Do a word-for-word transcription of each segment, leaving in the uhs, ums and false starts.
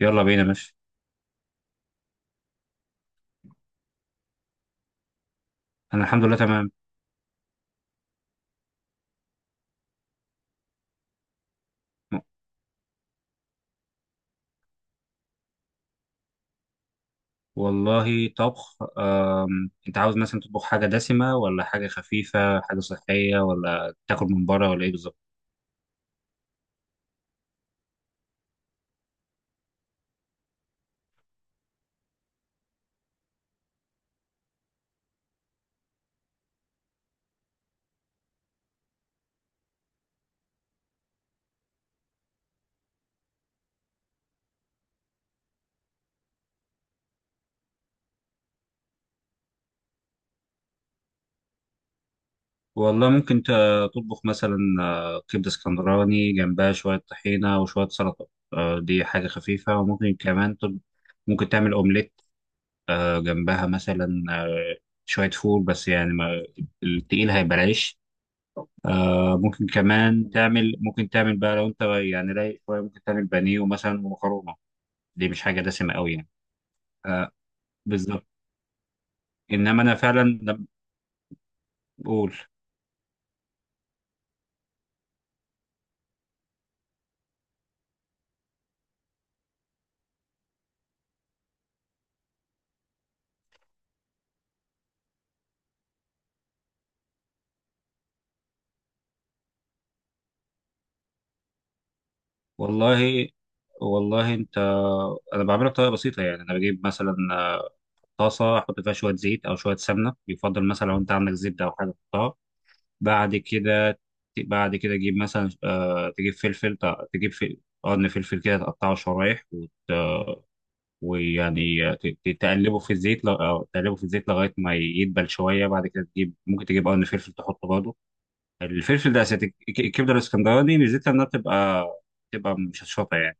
يلا بينا ماشي. انا الحمد لله تمام. والله طبخ أم... انت عاوز مثلا تطبخ حاجه دسمه ولا حاجه خفيفه، حاجه صحيه ولا تاكل من بره ولا ايه بالظبط؟ والله ممكن ت- تطبخ مثلا آه، كبده اسكندراني جنبها شويه طحينه وشويه سلطه. آه، دي حاجه خفيفه. وممكن كمان تط... ممكن تعمل اومليت، آه، جنبها مثلا آه، شويه فول. بس يعني ما... التقيل هيبقى العيش. آه، ممكن كمان تعمل، ممكن تعمل بقى لو انت يعني رايق شويه ممكن تعمل بانيه ومثلا ومكرونه. دي مش حاجه دسمه قوي يعني. آه، بالظبط. انما انا فعلا لما بقول، والله، والله انت، انا بعملها بطريقه بسيطه يعني. انا بجيب مثلا آه، طاسه احط فيها شويه زيت او شويه سمنه. يفضل مثلا لو انت عندك زبده او حاجه تحطها. بعد كده، بعد كده تجيب مثلا آه تجيب فلفل، تجيب فلفل، قرن فلفل كده تقطعه شرايح. ويعني ت- ت- تقلبه في الزيت لغ... أو تقلبه في الزيت لغايه ما يدبل شويه. بعد كده تجيب، ممكن تجيب قرن فلفل تحطه برضه. الفلفل ده اساسي. الك- الكبده الاسكندراني ميزتها انها بتبقى بتبقى مشطشطه يعني.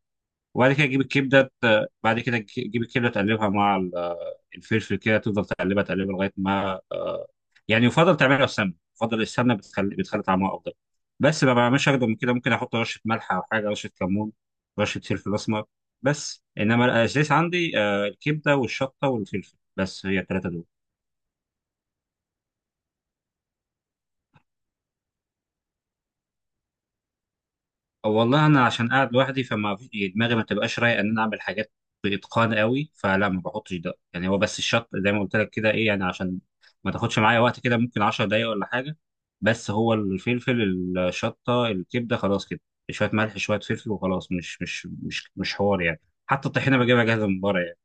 وبعد كده تجيب الكبده ت- بعد كده تجيب الكبده تقلبها مع ال- الفلفل كده. تفضل تقلبها تقلبها لغايه ما آه، يعني، يفضل تعملها بسمنه. يفضل السمنه بتخلي، بتخلي طعمها افضل. بس ما بعملش اكتر من كده. ممكن احط رشه ملح او حاجه، رشه كمون، رشه فلفل اسمر. بس انما الاساس عندي آه، الكبده والشطه والفلفل بس، هي الثلاثه دول. أو والله انا عشان قاعد لوحدي فما في- يعني دماغي ما تبقاش رايقه ان انا اعمل حاجات باتقان قوي. فلا، ما بحطش ده يعني. هو بس الشط زي ما قلت لك كده، ايه يعني، عشان ما تاخدش معايا وقت كده، ممكن عشر دقايق ولا حاجه. بس هو الفلفل الشطه الكبده خلاص كده. شويه ملح شويه فلفل وخلاص. مش مش مش مش حوار يعني. حتى الطحينه بجيبها جاهزه من بره يعني.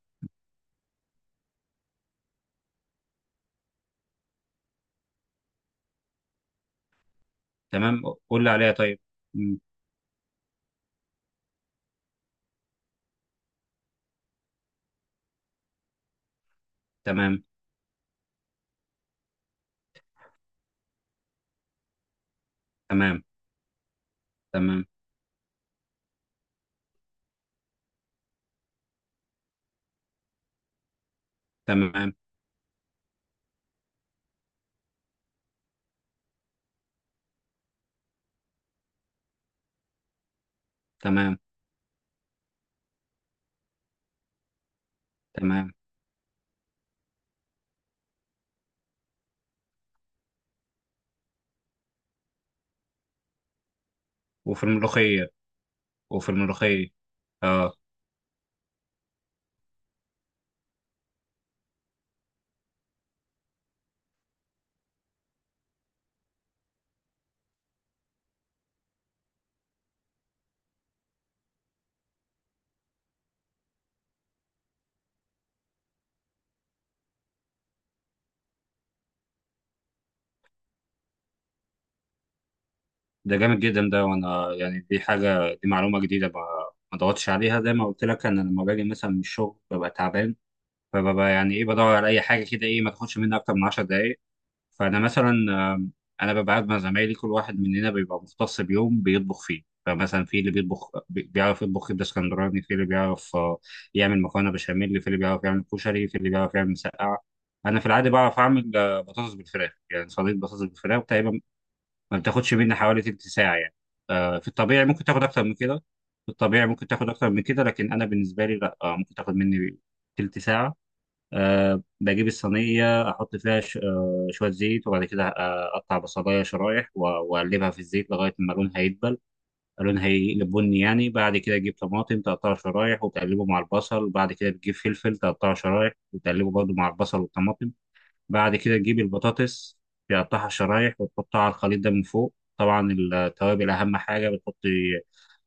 تمام، قول لي عليها طيب. مم. تمام تمام، تمام تمام، تمام تمام. وفي الملوخيه، وفي الملوخيه. آه. ده جامد جدا ده. وانا يعني دي حاجه، دي معلومه جديده ما ما ضغطتش عليها. زي ما قلت لك، انا لما باجي مثلا من الشغل ببقى تعبان. فببقى يعني ايه، بدور على اي حاجه كده، ايه، ما تاخدش مني اكتر من عشر دقائق. فانا مثلا آم، انا ببقى قاعد مع زمايلي، كل واحد مننا بيبقى مختص بيوم بيطبخ فيه. فمثلا في اللي بيطبخ بي- بيعرف يطبخ كبده اسكندراني، في اللي بيعرف آه، يعمل مكرونه بشاميل، في اللي بيعرف يعمل كشري، في اللي بيعرف يعمل مسقعه. انا في العاده بعرف اعمل آه، بطاطس بالفراخ، يعني صينيه بطاطس بالفراخ. تقريبا ما بتاخدش مني حوالي تلت ساعة يعني. آه، في الطبيعي ممكن تاخد أكتر من كده، في الطبيعي ممكن تاخد أكتر من كده، لكن أنا بالنسبة لي لا. آه، ممكن تاخد مني تلت ساعة. أه بجيب الصينية أحط فيها ش... أه شوية زيت، وبعد كده آه، أقطع بصلاية شرايح و- وأقلبها في الزيت لغاية ما لونها يدبل، لونها يقلب بني يعني. بعد كده تجيب طماطم تقطعها شرايح وتقلبه مع البصل. وبعد كده بتجيب فلفل تقطعه شرايح وتقلبه برضه مع البصل والطماطم. بعد كده تجيب البطاطس، تقطعها شرايح وتحطها على الخليط ده من فوق. طبعا التوابل أهم حاجة بتحطي،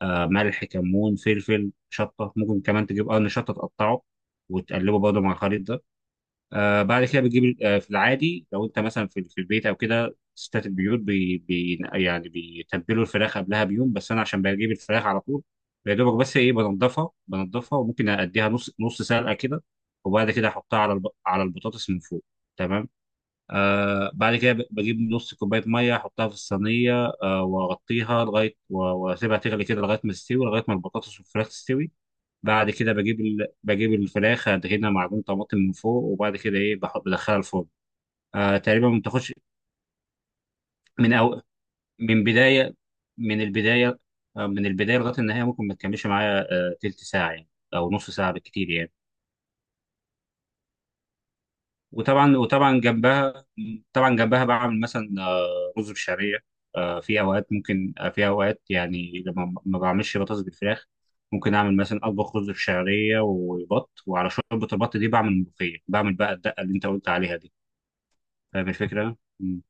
آه، ملح كمون فلفل شطة. ممكن كمان تجيب قرن شطة تقطعه وتقلبه برضه مع الخليط ده. آه بعد كده بتجيب آه، في العادي لو انت مثلا في, في البيت او كده، ستات البيوت بي بي يعني بيتبلوا الفراخ قبلها بيوم. بس انا عشان بجيب الفراخ على طول يا دوبك، بس ايه، بنضفها، بنضفها وممكن اديها نص نص سلقه كده. وبعد كده احطها على الب... على البطاطس من فوق. تمام. آه بعد كده ب- بجيب نص كوباية مية أحطها في الصينية. آه وأغطيها لغاية و- وأسيبها تغلي كده لغاية ما تستوي، لغاية ما البطاطس والفراخ تستوي. بعد كده بجيب ال... بجيب الفراخ أدهنها معجون طماطم من فوق. وبعد كده إيه، بحط بدخلها الفرن. آه تقريبا ما بتاخدش من أو... من بداية من البداية، آه من البداية لغاية النهاية ممكن ما تكملش معايا آه تلت ساعة يعني، أو نص ساعة بالكتير يعني. وطبعا وطبعا جنبها، طبعا جنبها بعمل مثلا رز بشعريه. آه، في اوقات ممكن آه، في اوقات يعني لما ما بعملش بطاطس بالفراخ ممكن اعمل مثلا، اطبخ رز بشعريه وبط، وعلى شوربه البط دي بعمل ملوخيه، بعمل بقى الدقه اللي انت قلت عليها دي. فاهم الفكره؟ مم.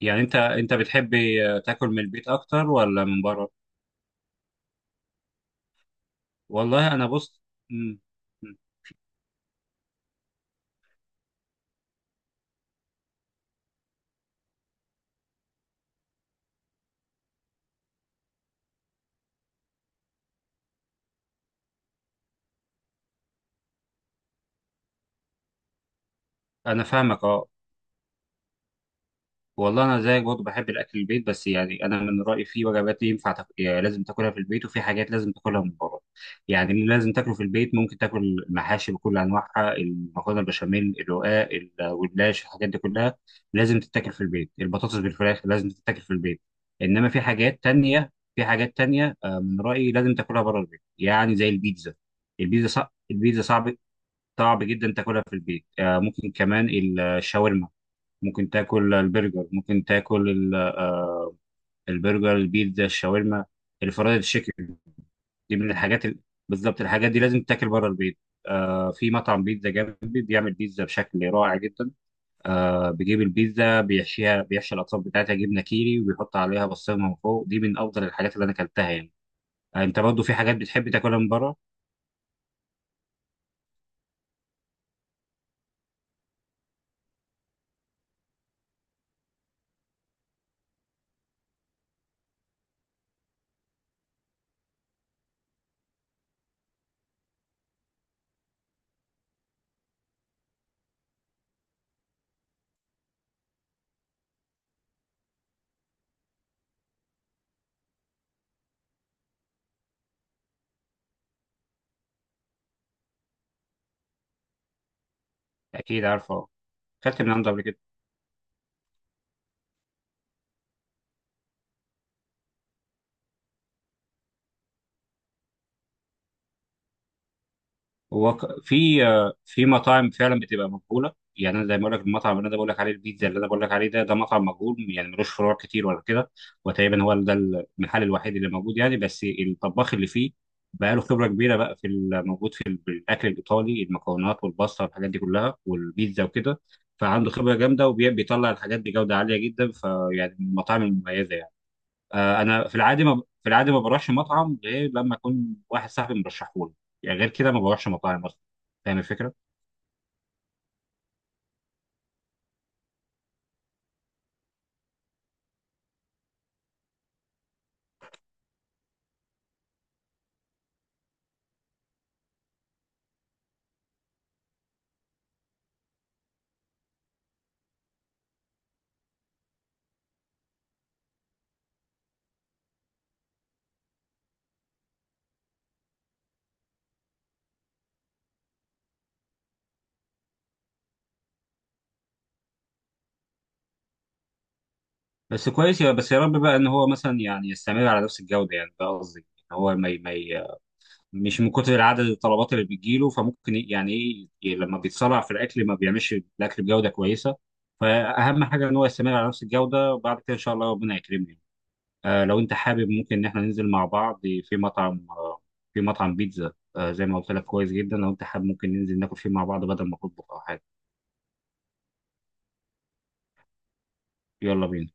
يعني انت انت بتحب آه، تاكل من البيت اكتر ولا من بره؟ والله انا بص، مم. مم. انا فاهمك اه. والله انا زيك برضه بحب الاكل البيت. بس يعني انا من رايي في وجبات ينفع تاك... يعني لازم تاكلها في البيت، وفي حاجات لازم تاكلها من بره. يعني اللي لازم تاكله في البيت ممكن تاكل المحاشي بكل انواعها، المكرونه البشاميل، الرقاق، الجلاش، الحاجات دي كلها لازم تتاكل في البيت. البطاطس بالفراخ لازم تتاكل في البيت. انما في حاجات تانية، في حاجات تانية آه، من رايي لازم تاكلها بره البيت، يعني زي البيتزا. البيتزا صعب، البيتزا صعب، صعب جدا تاكلها في البيت. آه، ممكن كمان الشاورما، ممكن تاكل البرجر، ممكن تاكل ال- آه، البرجر البيتزا الشاورما الفرايد تشيكن، دي من الحاجات ال... بالظبط الحاجات دي لازم تاكل بره البيت. آه في مطعم بيتزا جنبي بيعمل بيتزا بشكل رائع جدا. آه بيجيب البيتزا بيحشيها، بيحشي الاطراف بتاعتها جبنه كيري، وبيحط عليها بصمه من فوق. دي من افضل الحاجات اللي انا اكلتها يعني. آه، انت برضه في حاجات بتحب تاكلها من بره؟ اكيد عارفه، اكلت من عنده قبل كده. هو ك- في آه، في مطاعم فعلا بتبقى مجهوله يعني. انا زي ما بقول لك، المطعم اللي انا بقول لك عليه، البيتزا اللي انا بقول لك عليه ده ده مطعم مجهول يعني، ملوش فروع كتير ولا كده. وتقريبا هو ده المحل الوحيد اللي موجود يعني. بس الطباخ اللي فيه بقى له خبره كبيره بقى في ال- موجود في ال- الاكل الايطالي، المكونات والباستا والحاجات دي كلها والبيتزا وكده. فعنده خبره جامده، وبيطلع الحاجات بجوده عاليه جدا. فيعني من المطاعم المميزه يعني. آه، انا في العادي ما في العادي ما بروحش مطعم غير لما اكون واحد صاحبي مرشحه لي يعني. غير كده ما بروحش مطاعم اصلا. فاهم الفكره؟ بس كويس، يا بس يا رب بقى ان هو مثلا يعني يستمر على نفس الجوده. يعني ده قصدي، ان هو ما ي- ما ي- مش من كتر عدد الطلبات اللي بتجيله فممكن ي- يعني ايه، لما بيتصارع في الاكل ما بيعملش الاكل بجوده كويسه. فاهم حاجه، ان هو يستمر على نفس الجوده. وبعد كده ان شاء الله ربنا يكرمني. آه، لو انت حابب ممكن ان احنا ننزل مع بعض في مطعم آه، في مطعم بيتزا آه، زي ما قلت لك كويس جدا. لو انت حابب ممكن ننزل ناكل فيه مع بعض، بدل ما تطبخ او حاجه. يلا بينا.